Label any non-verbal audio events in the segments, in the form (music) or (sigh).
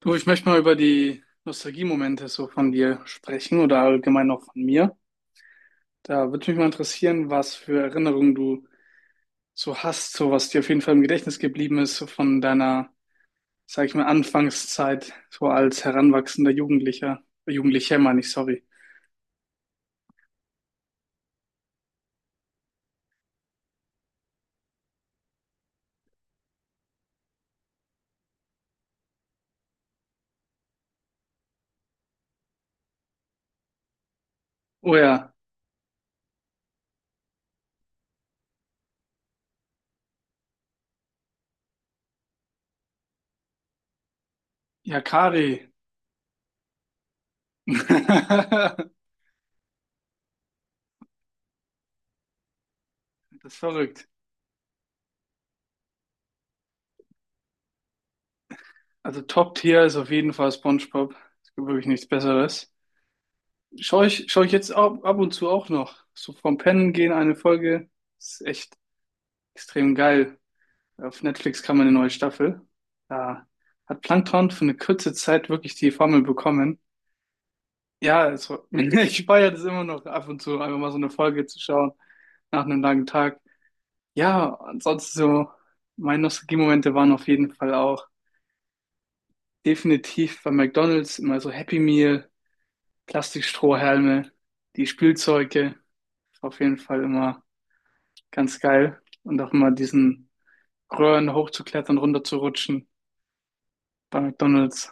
Du, ich möchte mal über die Nostalgiemomente so von dir sprechen oder allgemein auch von mir. Da würde mich mal interessieren, was für Erinnerungen du so hast, so was dir auf jeden Fall im Gedächtnis geblieben ist, so von deiner, sag ich mal, Anfangszeit, so als heranwachsender Jugendlicher, Jugendlicher meine ich, sorry. Oh ja, ja, Kari. (laughs) Das ist verrückt. Also Top-Tier ist auf jeden Fall SpongeBob. Es gibt wirklich nichts Besseres. Schaue ich jetzt ab und zu auch noch. So vom Pennen gehen eine Folge. Ist echt extrem geil. Auf Netflix kam eine neue Staffel. Da hat Plankton für eine kurze Zeit wirklich die Formel bekommen. Ja, also, (laughs) ich feiere das immer noch ab und zu, einfach mal so eine Folge zu schauen nach einem langen Tag. Ja, ansonsten so, meine Nostalgie-Momente waren auf jeden Fall auch definitiv bei McDonald's immer so Happy Meal, Plastikstrohhalme, die Spielzeuge. Auf jeden Fall immer ganz geil. Und auch mal diesen Röhren hochzuklettern, runterzurutschen bei McDonald's.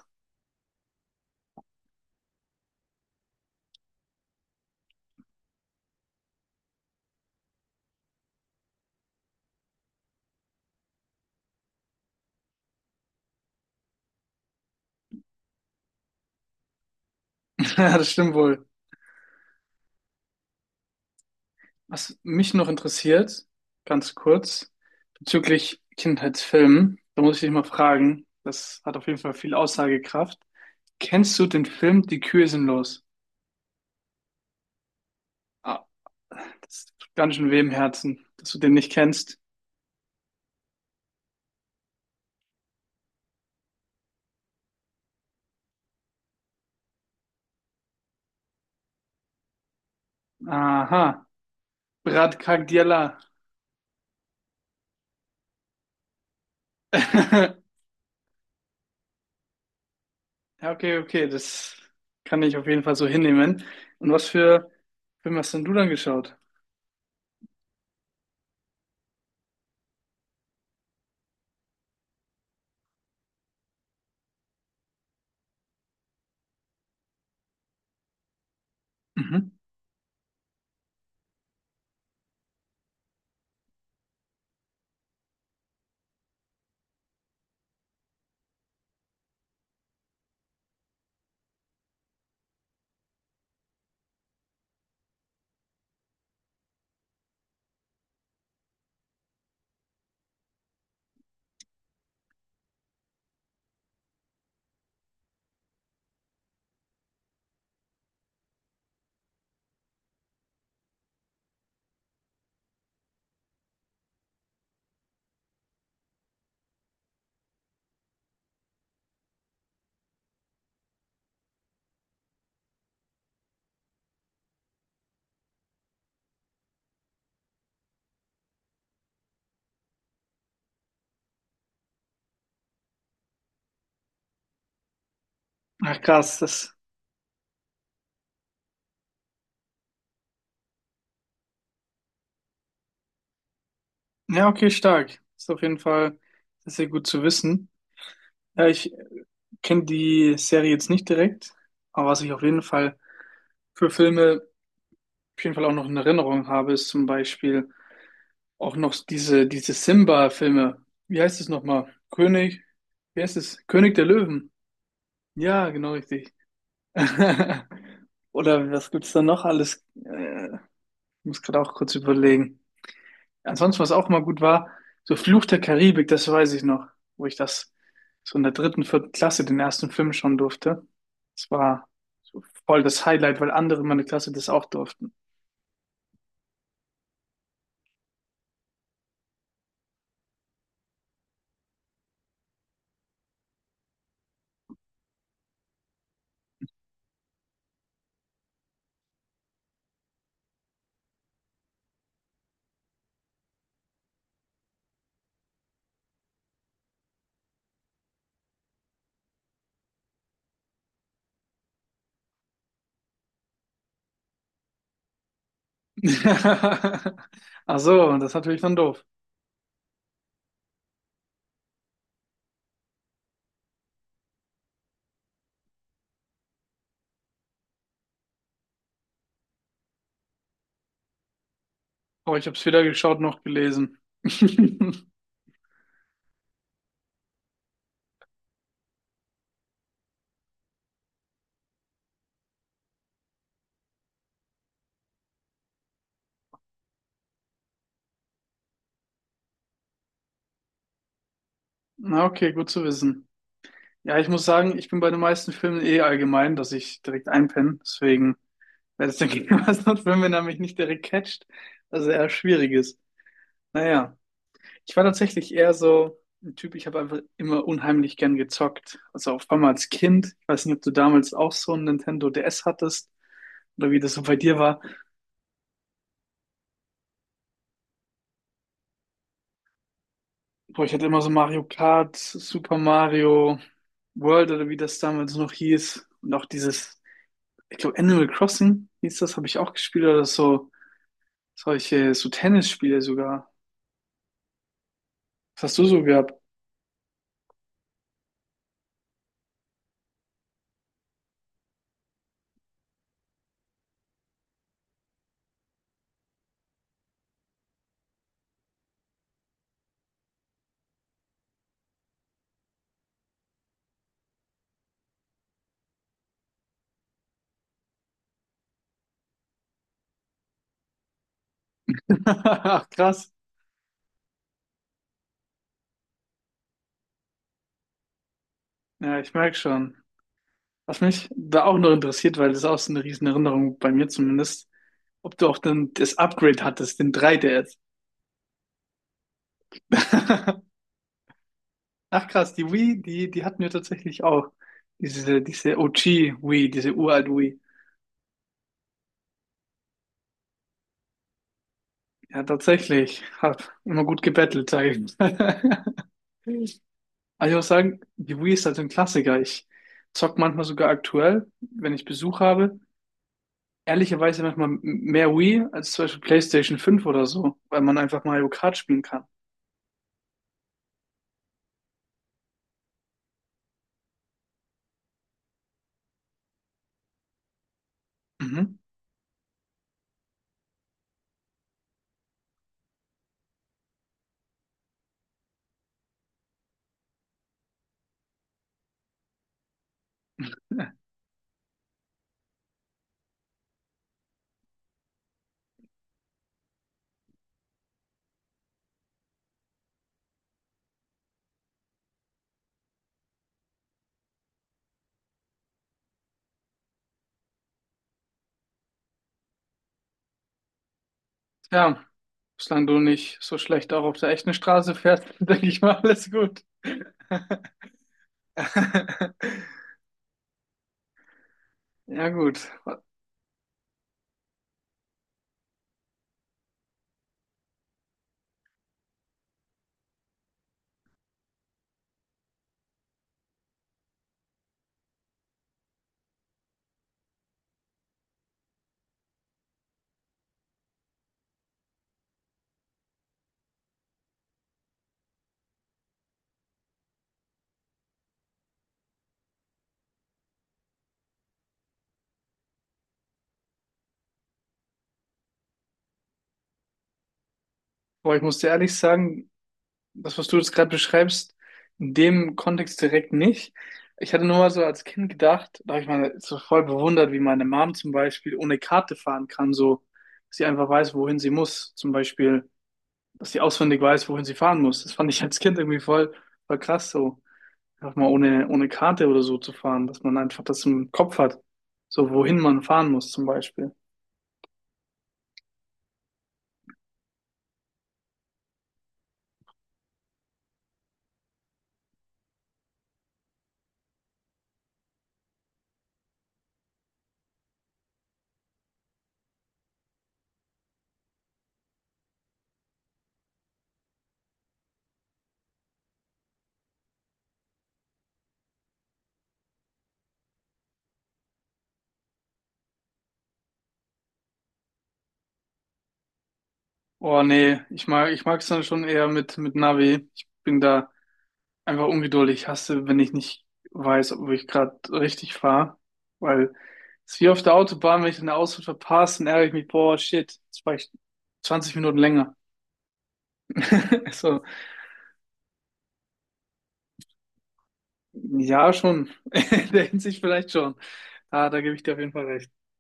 (laughs) Ja, das stimmt wohl. Was mich noch interessiert, ganz kurz, bezüglich Kindheitsfilmen, da muss ich dich mal fragen, das hat auf jeden Fall viel Aussagekraft. Kennst du den Film Die Kühe sind los? Ah, das tut ganz schön weh im Herzen, dass du den nicht kennst. Aha, Brad Cardiella. (laughs) Ja, okay, okay, das kann ich auf jeden Fall so hinnehmen. Und was für Filme hast denn du dann geschaut? Mhm. Ach, krass, das. Ja, okay, stark. Ist auf jeden Fall sehr, sehr gut zu wissen. Ja, ich kenne die Serie jetzt nicht direkt, aber was ich auf jeden Fall für Filme auf jeden Fall auch noch in Erinnerung habe, ist zum Beispiel auch noch diese Simba-Filme. Wie heißt es nochmal? König, wie heißt es? König der Löwen. Ja, genau richtig. (laughs) Oder was gibt's da noch alles? Muss gerade auch kurz überlegen. Ansonsten, was auch mal gut war, so Fluch der Karibik, das weiß ich noch, wo ich das so in der dritten, vierten Klasse den ersten Film schauen durfte. Das war so voll das Highlight, weil andere in meiner Klasse das auch durften. (laughs) Ach so, das ist natürlich dann doof. Aber ich habe es weder geschaut noch gelesen. (laughs) Na, okay, gut zu wissen. Ja, ich muss sagen, ich bin bei den meisten Filmen eh allgemein, dass ich direkt einpenne. Deswegen. Weil das der Gegner was (laughs) sonst, wenn man nämlich nicht direkt catcht, was ja eher schwierig ist. Naja, ich war tatsächlich eher so ein Typ, ich habe einfach immer unheimlich gern gezockt. Also auf einmal als Kind. Ich weiß nicht, ob du damals auch so ein Nintendo DS hattest oder wie das so bei dir war. Boah, ich hatte immer so Mario Kart, Super Mario World oder wie das damals noch hieß. Und auch dieses, ich glaube, Animal Crossing hieß das, habe ich auch gespielt oder so. Solche, so Tennisspiele sogar. Was hast du so gehabt? (laughs) Krass. Ja, ich merke schon. Was mich da auch noch interessiert, weil das ist auch so eine riesen Erinnerung bei mir zumindest, ob du auch dann das Upgrade hattest, den 3DS. (laughs) Ach krass, die Wii, die hatten wir tatsächlich auch. Diese OG Wii, diese uralt Wii. Ja, tatsächlich. Hab immer gut gebettelt, sage ich. (laughs) Aber ich muss sagen, die Wii ist halt ein Klassiker. Ich zock manchmal sogar aktuell, wenn ich Besuch habe. Ehrlicherweise manchmal mehr Wii als zum Beispiel PlayStation 5 oder so, weil man einfach Mario Kart spielen kann. Mhm. Ja. Tja, solange du nicht so schlecht auch auf der echten Straße fährst, (laughs) denke ich mal, alles gut. (laughs) Ja, gut. Aber ich muss dir ehrlich sagen, das, was du jetzt gerade beschreibst, in dem Kontext direkt nicht. Ich hatte nur mal so als Kind gedacht, da habe ich mal so voll bewundert, wie meine Mom zum Beispiel ohne Karte fahren kann, so, dass sie einfach weiß, wohin sie muss. Zum Beispiel, dass sie auswendig weiß, wohin sie fahren muss. Das fand ich als Kind irgendwie voll, voll krass so, einfach mal ohne Karte oder so zu fahren, dass man einfach das im Kopf hat, so wohin man fahren muss zum Beispiel. Oh nee, ich mag's dann schon eher mit Navi. Ich bin da einfach ungeduldig. Ich hasse, wenn ich nicht weiß, ob ich gerade richtig fahre, weil es ist wie auf der Autobahn, wenn ich eine Ausfahrt verpasse, dann ärgere ich mich, boah, shit, jetzt war ich 20 Minuten länger. (laughs) So, ja, schon. (laughs) In der Hinsicht vielleicht schon. Ah, da gebe ich dir auf jeden Fall recht.